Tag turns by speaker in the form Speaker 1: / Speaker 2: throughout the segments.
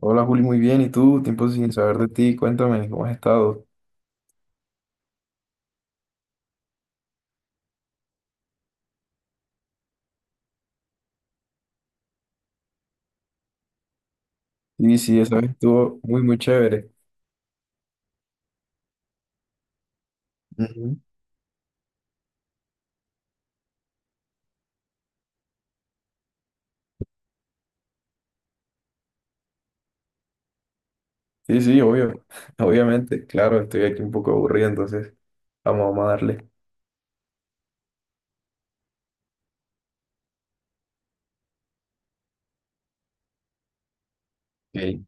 Speaker 1: Hola Juli, muy bien. ¿Y tú? Tiempo sin saber de ti. Cuéntame, ¿cómo has estado? Sí, sí, esa vez estuvo muy, muy chévere. Ujú. Sí, sí, obvio. Obviamente, claro, estoy aquí un poco aburrido, entonces vamos, vamos a darle. Ok.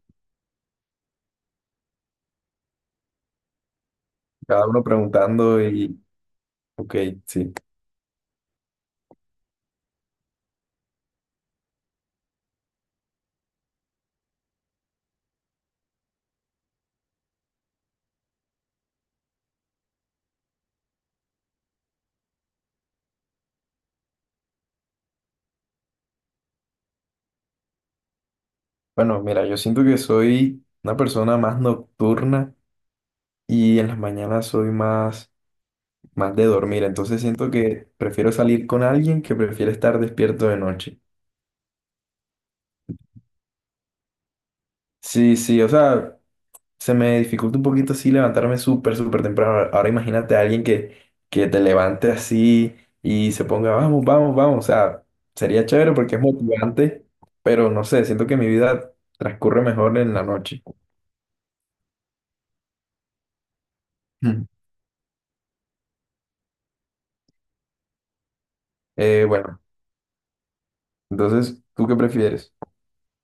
Speaker 1: Cada uno preguntando y, ok, sí. Bueno, mira, yo siento que soy una persona más nocturna y en las mañanas soy más, más de dormir, entonces siento que prefiero salir con alguien que prefiere estar despierto de noche. Sí, sí, o sea... Se me dificulta un poquito así levantarme súper, súper temprano. Ahora imagínate a alguien que te levante así y se ponga, vamos, vamos, vamos. O sea, sería chévere porque es motivante, pero no sé, siento que mi vida transcurre mejor en la noche. Mm. Bueno, entonces, ¿tú qué prefieres?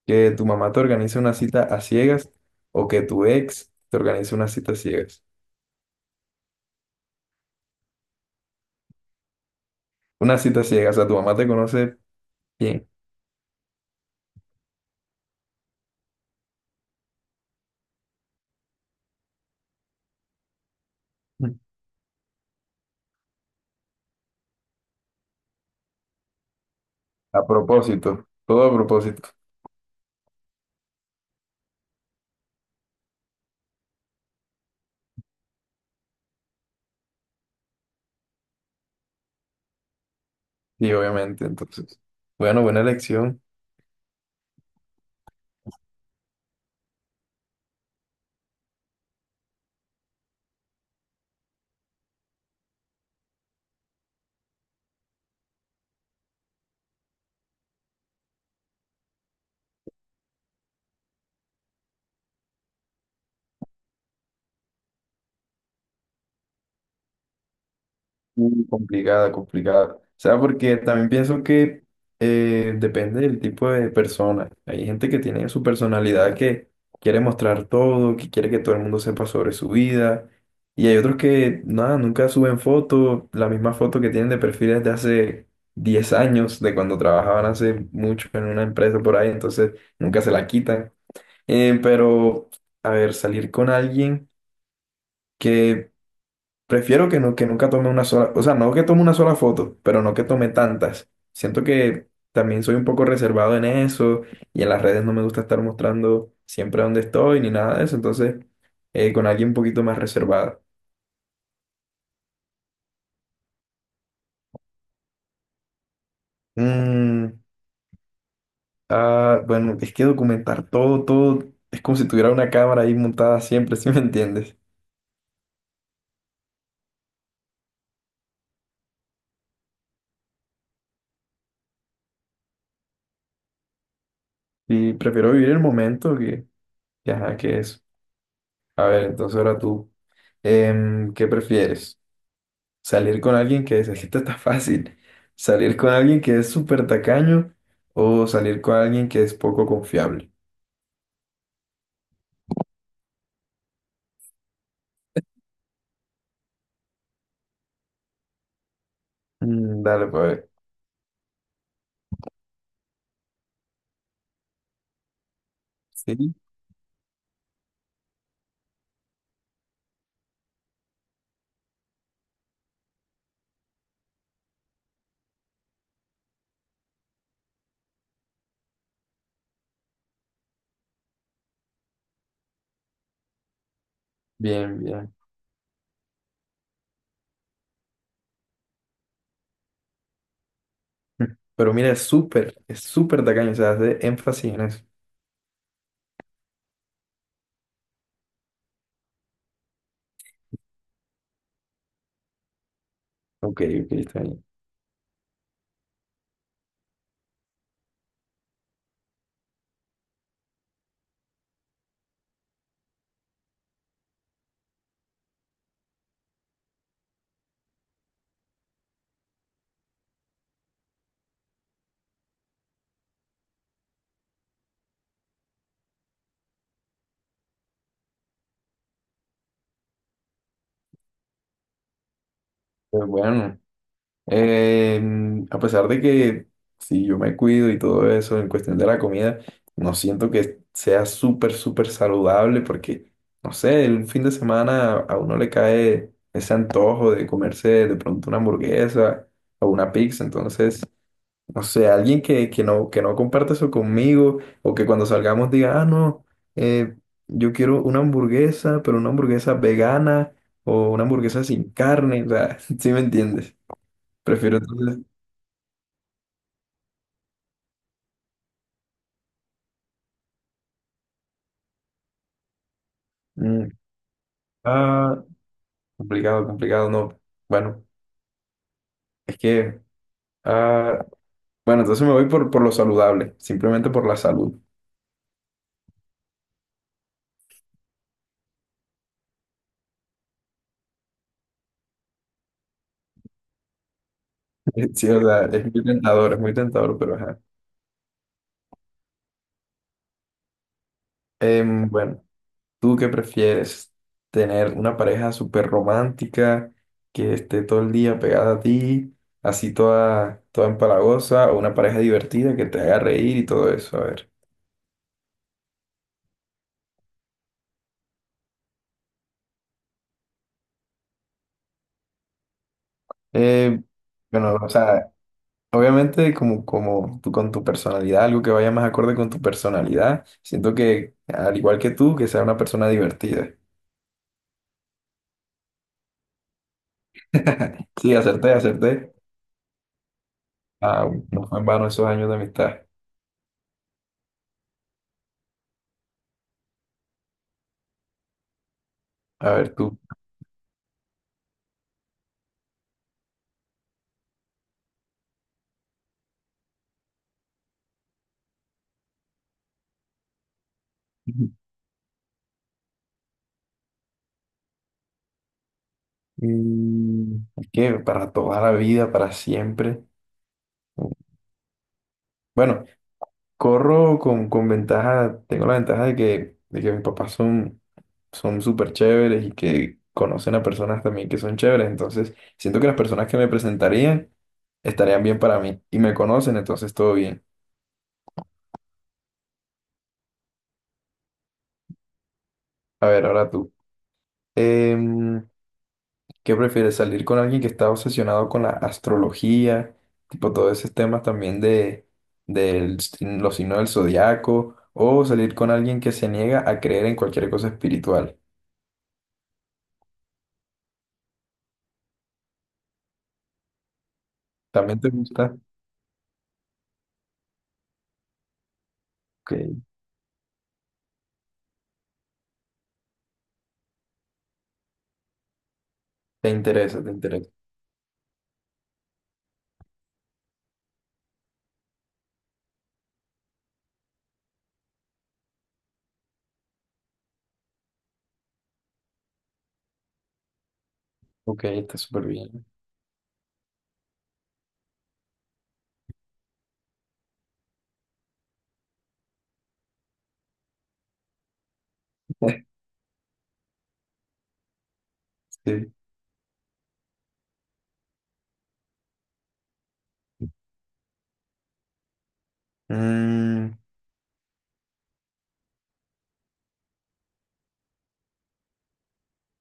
Speaker 1: ¿Que tu mamá te organice una cita a ciegas o que tu ex te organice una cita a ciegas? Una cita a ciegas, o sea, tu mamá te conoce bien. Mm. A propósito, todo a propósito. Sí, obviamente, entonces. Bueno, buena elección. Mm, complicada, complicada. O sea, porque también pienso que depende del tipo de persona. Hay gente que tiene su personalidad que quiere mostrar todo, que quiere que todo el mundo sepa sobre su vida. Y hay otros que, nada, nunca suben fotos, la misma foto que tienen de perfiles de hace 10 años, de cuando trabajaban hace mucho en una empresa por ahí, entonces nunca se la quitan. Pero, a ver, salir con alguien que prefiero que, no, que nunca tome una sola, o sea, no que tome una sola foto, pero no que tome tantas. Siento que también soy un poco reservado en eso y en las redes no me gusta estar mostrando siempre dónde estoy ni nada de eso, entonces con alguien un poquito más reservado. Mm, ah, bueno, es que documentar todo, todo, es como si tuviera una cámara ahí montada siempre, ¿si me entiendes? Y prefiero vivir el momento que, ajá, que eso. A ver, entonces ahora tú, ¿qué prefieres? Salir con alguien que es, esta está fácil. Salir con alguien que es súper tacaño o salir con alguien que es poco confiable. Mm, dale, pues, a ver. Sí. Bien, bien. Pero mira, es súper tacaño, o sea, hace énfasis en eso. Ok, ok, está bien. Pues bueno. A pesar de que si yo me cuido y todo eso en cuestión de la comida, no siento que sea súper, súper saludable porque, no sé, el fin de semana a uno le cae ese antojo de comerse de pronto una hamburguesa o una pizza. Entonces, no sé, alguien que no comparte eso conmigo o que cuando salgamos diga, ah, no, eh, yo quiero una hamburguesa, pero una hamburguesa vegana o una hamburguesa sin carne. O sea, ¿sí me entiendes? Prefiero entonces. Mm. Ah, complicado, complicado, no. Bueno, es que, ah, bueno, entonces me voy por lo saludable, simplemente por la salud. Sí, o sea, es muy tentador, pero ajá. Bueno, ¿tú qué prefieres? ¿Tener una pareja súper romántica que esté todo el día pegada a ti, así toda, toda empalagosa, o una pareja divertida que te haga reír y todo eso? A ver. Eh, bueno, o sea, obviamente, como, como tú con tu personalidad, algo que vaya más acorde con tu personalidad. Siento que, al igual que tú, que sea una persona divertida. Sí, acerté, acerté. Ah, bueno, no fue en vano esos años de amistad. A ver, tú. Ujú. Mm, es que para toda la vida, para siempre. Bueno, corro con ventaja, tengo la ventaja de que mis papás son, son súper chéveres y que conocen a personas también que son chéveres, entonces siento que las personas que me presentarían estarían bien para mí y me conocen, entonces todo bien. A ver, ahora tú. Em, ¿Qué prefieres? ¿Salir con alguien que está obsesionado con la astrología? Tipo todos esos temas también de los signos del zodiaco. ¿O salir con alguien que se niega a creer en cualquier cosa espiritual? ¿También te gusta? Ok. Te interesa, te interesa. Ok, está súper bien. Sí. Mm,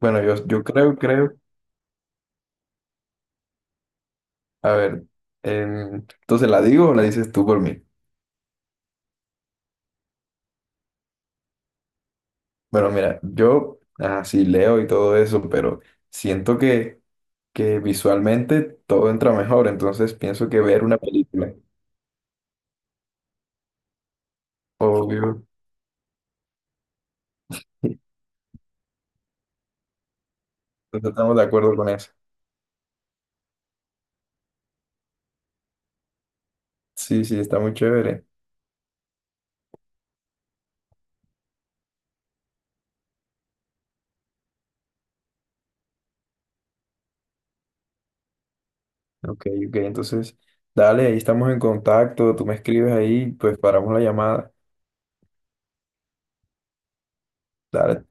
Speaker 1: bueno, yo creo, creo. A ver, entonces, ¿la digo o la dices tú por mí? Bueno, mira, yo, ah, sí, leo y todo eso, pero siento que visualmente todo entra mejor, entonces pienso que ver una película. Obvio. Entonces estamos de acuerdo con eso. Sí, sí, está muy chévere. Ok, ok, entonces, dale, ahí estamos en contacto, tú me escribes ahí, pues paramos la llamada. Dale,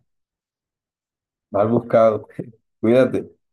Speaker 1: mal buscado. Cuídate.